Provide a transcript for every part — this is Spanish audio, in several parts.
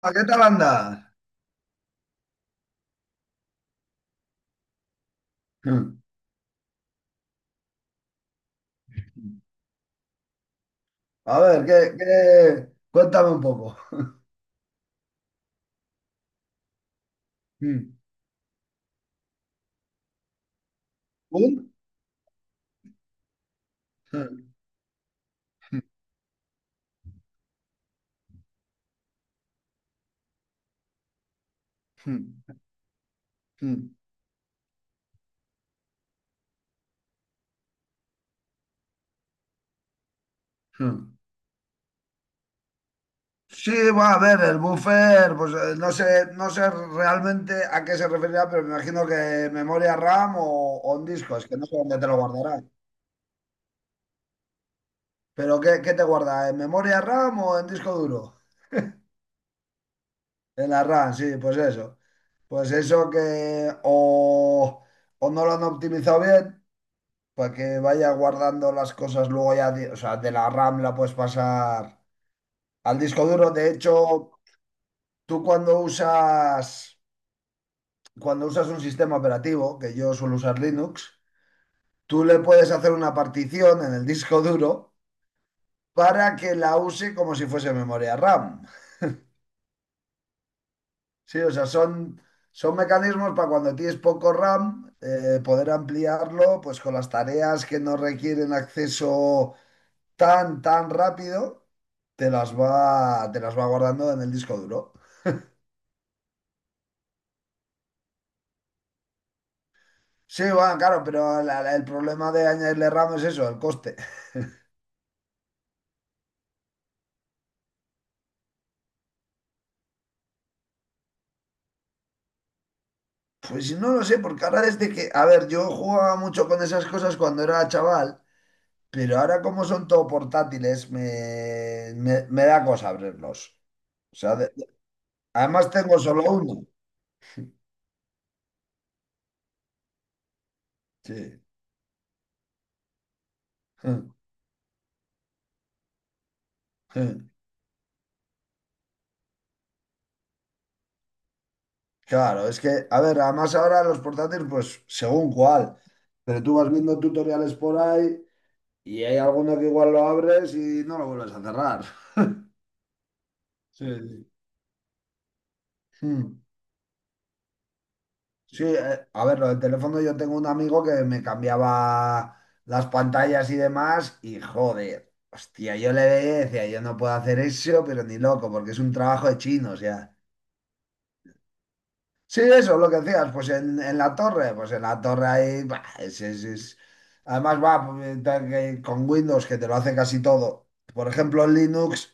Ah, ¿qué tal andas? Hmm. A ver, cuéntame un poco. Hmm. ¿Un? Hmm. Hmm. Hmm. Hmm. Sí, va a ver, el buffer, pues no sé, no sé realmente a qué se referirá, pero me imagino que memoria RAM o en disco, es que no sé dónde te lo guardará. Pero ¿qué te guarda? ¿En memoria RAM o en disco duro? En la RAM, sí, pues eso. Pues eso que o no lo han optimizado bien, para que vaya guardando las cosas luego ya, o sea, de la RAM la puedes pasar al disco duro. De hecho, tú cuando usas, cuando usas un sistema operativo, que yo suelo usar Linux, tú le puedes hacer una partición en el disco duro para que la use como si fuese memoria RAM. Sí, o sea, son mecanismos para cuando tienes poco RAM, poder ampliarlo pues con las tareas que no requieren acceso tan rápido, te las va guardando en el disco duro. Sí, bueno, claro, pero el problema de añadirle RAM es eso, el coste. Pues no lo sé, porque ahora desde que, a ver, yo jugaba mucho con esas cosas cuando era chaval, pero ahora como son todo portátiles, me da cosa abrirlos. O sea, además tengo solo uno. Sí. Claro, es que, a ver, además ahora los portátiles, pues según cuál, pero tú vas viendo tutoriales por ahí. Y hay alguno que igual lo abres y no lo vuelves a cerrar. Sí, sí. Hmm. Sí, a ver, lo del teléfono yo tengo un amigo que me cambiaba las pantallas y demás y joder, hostia, yo le veía y decía, yo no puedo hacer eso, pero ni loco, porque es un trabajo de chinos ya. Sí, eso, lo que decías, pues en la torre, pues en la torre ahí, bah, además va pues, tal que con Windows que te lo hace casi todo. Por ejemplo, en Linux.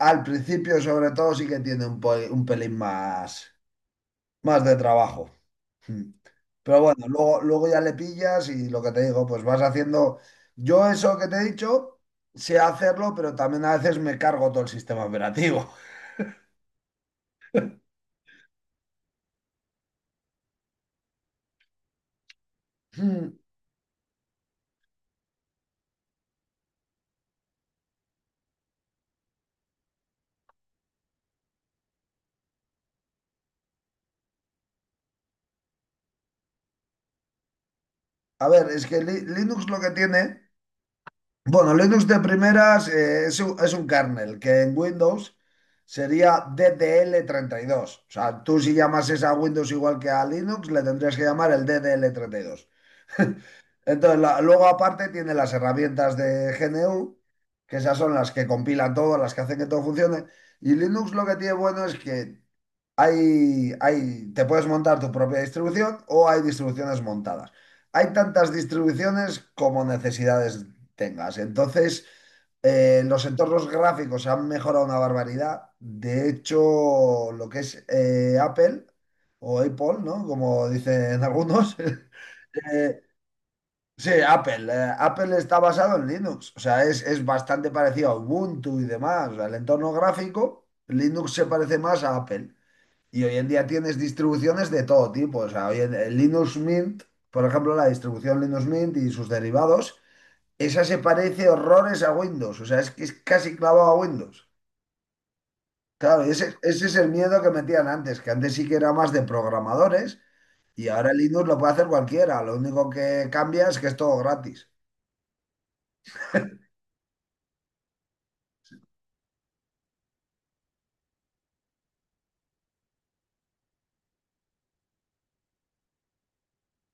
Al principio, sobre todo, sí que tiene un pelín más, más de trabajo. Mm. Pero bueno, luego ya le pillas y lo que te digo, pues vas haciendo. Yo eso que te he dicho, sé hacerlo, pero también a veces me cargo todo el sistema operativo. Mm. A ver, es que Linux lo que tiene. Bueno, Linux de primeras es es un kernel, que en Windows sería ddl dos. O sea, tú si llamases a Windows igual que a Linux, le tendrías que llamar el ddl dos. Entonces, luego aparte tiene las herramientas de GNU, que esas son las que compilan todo, las que hacen que todo funcione. Y Linux lo que tiene bueno es que hay, te puedes montar tu propia distribución o hay distribuciones montadas. Hay tantas distribuciones como necesidades tengas. Entonces, los entornos gráficos han mejorado una barbaridad. De hecho, lo que es Apple o Apple, ¿no? Como dicen algunos. Sí, Apple. Apple está basado en Linux, o sea, es bastante parecido a Ubuntu y demás. O sea, el entorno gráfico, Linux se parece más a Apple. Y hoy en día tienes distribuciones de todo tipo. O sea, el Linux Mint, por ejemplo, la distribución Linux Mint y sus derivados, esa se parece horrores a Windows. O sea, es que es casi clavado a Windows. Claro, y ese es el miedo que metían antes, que antes sí que era más de programadores y ahora Linux lo puede hacer cualquiera. Lo único que cambia es que es todo gratis.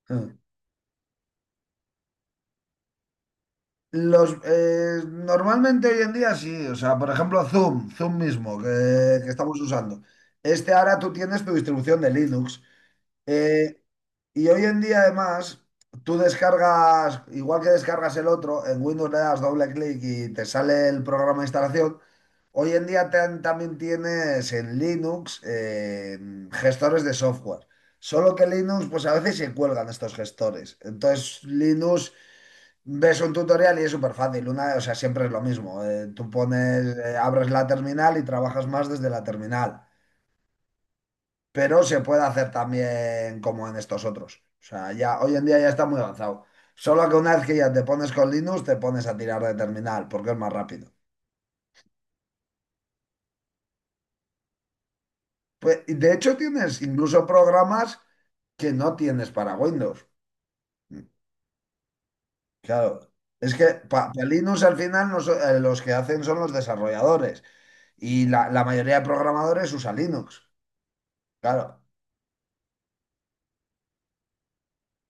Hmm. Los, normalmente hoy en día sí, o sea, por ejemplo, Zoom mismo, que estamos usando. Este ahora tú tienes tu distribución de Linux. eh, y hoy en día, además, tú descargas, igual que descargas el otro, en Windows le das doble clic y te sale el programa de instalación. Hoy en día también tienes en Linux gestores de software. Solo que Linux, pues a veces se cuelgan estos gestores. Entonces, Linux. Ves un tutorial y es súper fácil. Una, o sea, siempre es lo mismo. Tú pones, abres la terminal y trabajas más desde la terminal. Pero se puede hacer también como en estos otros. O sea, ya hoy en día ya está muy avanzado. Solo que una vez que ya te pones con Linux, te pones a tirar de terminal, porque es más rápido. Pues, y de hecho, tienes incluso programas que no tienes para Windows. Claro. Es que para Linux al final no so- los que hacen son los desarrolladores. Y la mayoría de programadores usa Linux. Claro.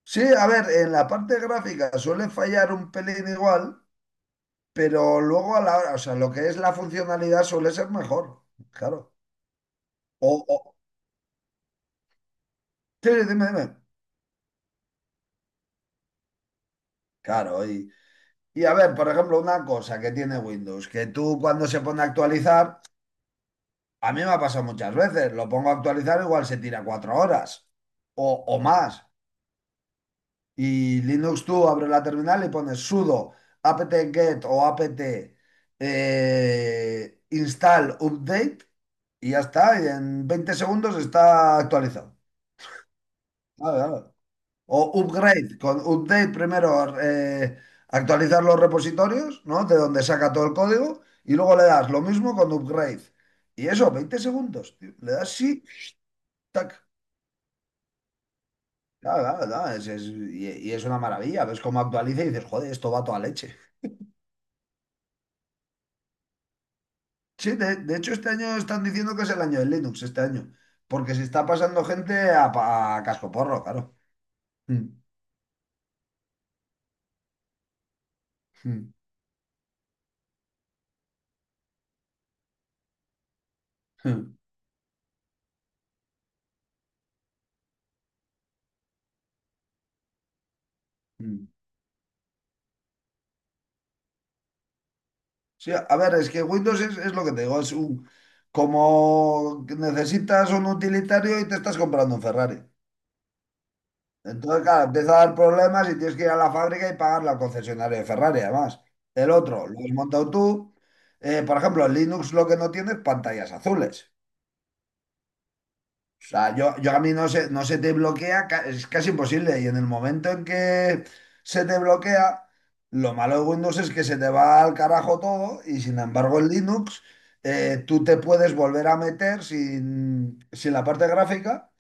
Sí, a ver, en la parte gráfica suele fallar un pelín igual, pero luego a la hora, o sea, lo que es la funcionalidad suele ser mejor, claro. O, o- sí, dime. Claro, y a ver, por ejemplo, una cosa que tiene Windows, que tú cuando se pone a actualizar, a mí me ha pasado muchas veces, lo pongo a actualizar, igual se tira 4 horas o más. Y Linux tú abres la terminal y pones sudo apt-get o apt install update y ya está. Y en 20 segundos está actualizado. Claro, claro. O upgrade, con update primero eh, actualizar los repositorios, ¿no? De donde saca todo el código y luego le das lo mismo con upgrade. Y eso, 20 segundos, tío. Le das sí, tac. Claro, claro, claro, y es una maravilla. Ves cómo actualiza y dices, joder, esto va a toda leche. Sí, de hecho este año están diciendo que es el año de Linux, este año, porque se está pasando gente a, a cascoporro, claro. Mm, mm, mm, mm. Sí, a ver, es que Windows es lo que te digo, es un... Como que necesitas un utilitario y te estás comprando un Ferrari. Entonces, claro, empieza a dar problemas y tienes que ir a la fábrica y pagarle al concesionario de Ferrari, además. El otro, lo has montado tú. Por ejemplo, el Linux lo que no tiene es pantallas azules. O sea, yo a mí no se te bloquea, es casi imposible. Y en el momento en que se te bloquea, lo malo de Windows es que se te va al carajo todo y sin embargo en Linux tú te puedes volver a meter sin la parte gráfica,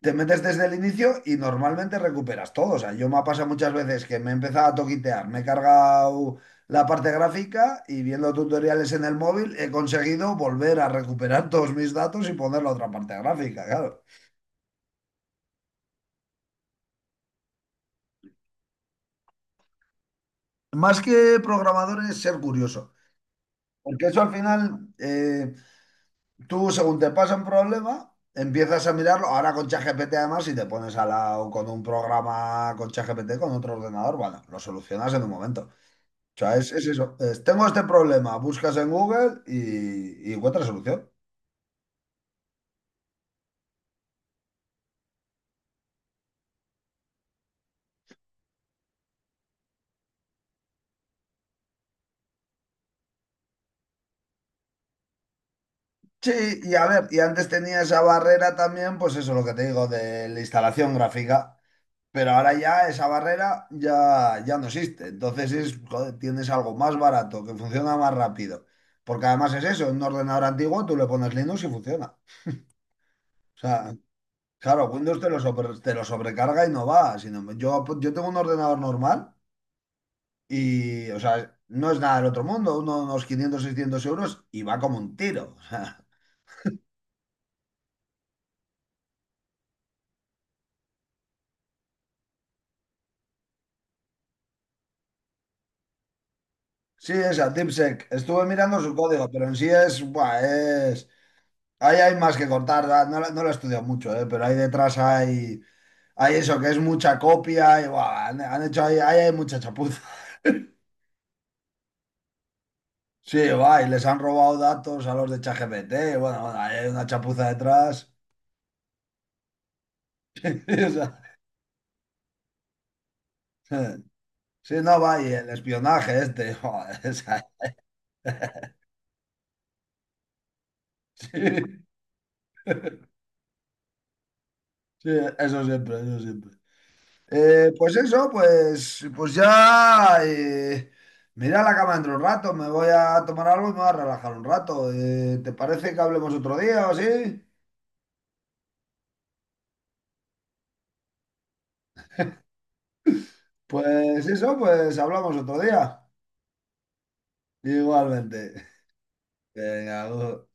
te metes desde el inicio y normalmente recuperas todo. O sea, yo me ha pasado muchas veces que me he empezado a toquitear, me he cargado la parte gráfica y viendo tutoriales en el móvil he conseguido volver a recuperar todos mis datos y poner la otra parte gráfica, claro. Más que programadores ser curioso, porque eso al final, tú según te pasa un problema, empiezas a mirarlo, ahora con ChatGPT además, si te pones al lado con un programa con ChatGPT, con otro ordenador, bueno, lo solucionas en un momento. O sea, es eso, es, tengo este problema, buscas en Google y encuentras solución. Sí, y a ver, y antes tenía esa barrera también, pues eso, lo que te digo, de la instalación gráfica. Pero ahora ya esa barrera ya, ya no existe. Entonces es, joder, tienes algo más barato, que funciona más rápido. Porque además es eso, en un ordenador antiguo tú le pones Linux y funciona. O sea, claro, Windows te lo, te lo sobrecarga y no va. Sino, yo tengo un ordenador normal y, o sea, no es nada del otro mundo, unos 500 o 600 euros y va como un tiro. O sea, sí, esa, TipSec. Estuve mirando su código, pero en sí es, buah, es... Ahí hay más que cortar, ¿verdad? No, lo no lo he estudiado mucho, ¿eh? Pero ahí detrás hay, hay eso, que es mucha copia y buah, han hecho ahí, ahí hay mucha chapuza. Sí, va, y les han robado datos a los de ChatGPT. Y bueno, bueno, ahí hay una chapuza detrás. O sea, sí, no, va, y el espionaje este. Joder, o sea, sí, sí, eso siempre, eso siempre. Pues eso, pues ya. Me iré a la cama dentro de un rato, me voy a tomar algo y me voy a relajar un rato. ¿Te parece que hablemos otro día o sí? Pues eso, pues hablamos otro día. Igualmente. Venga, ojo.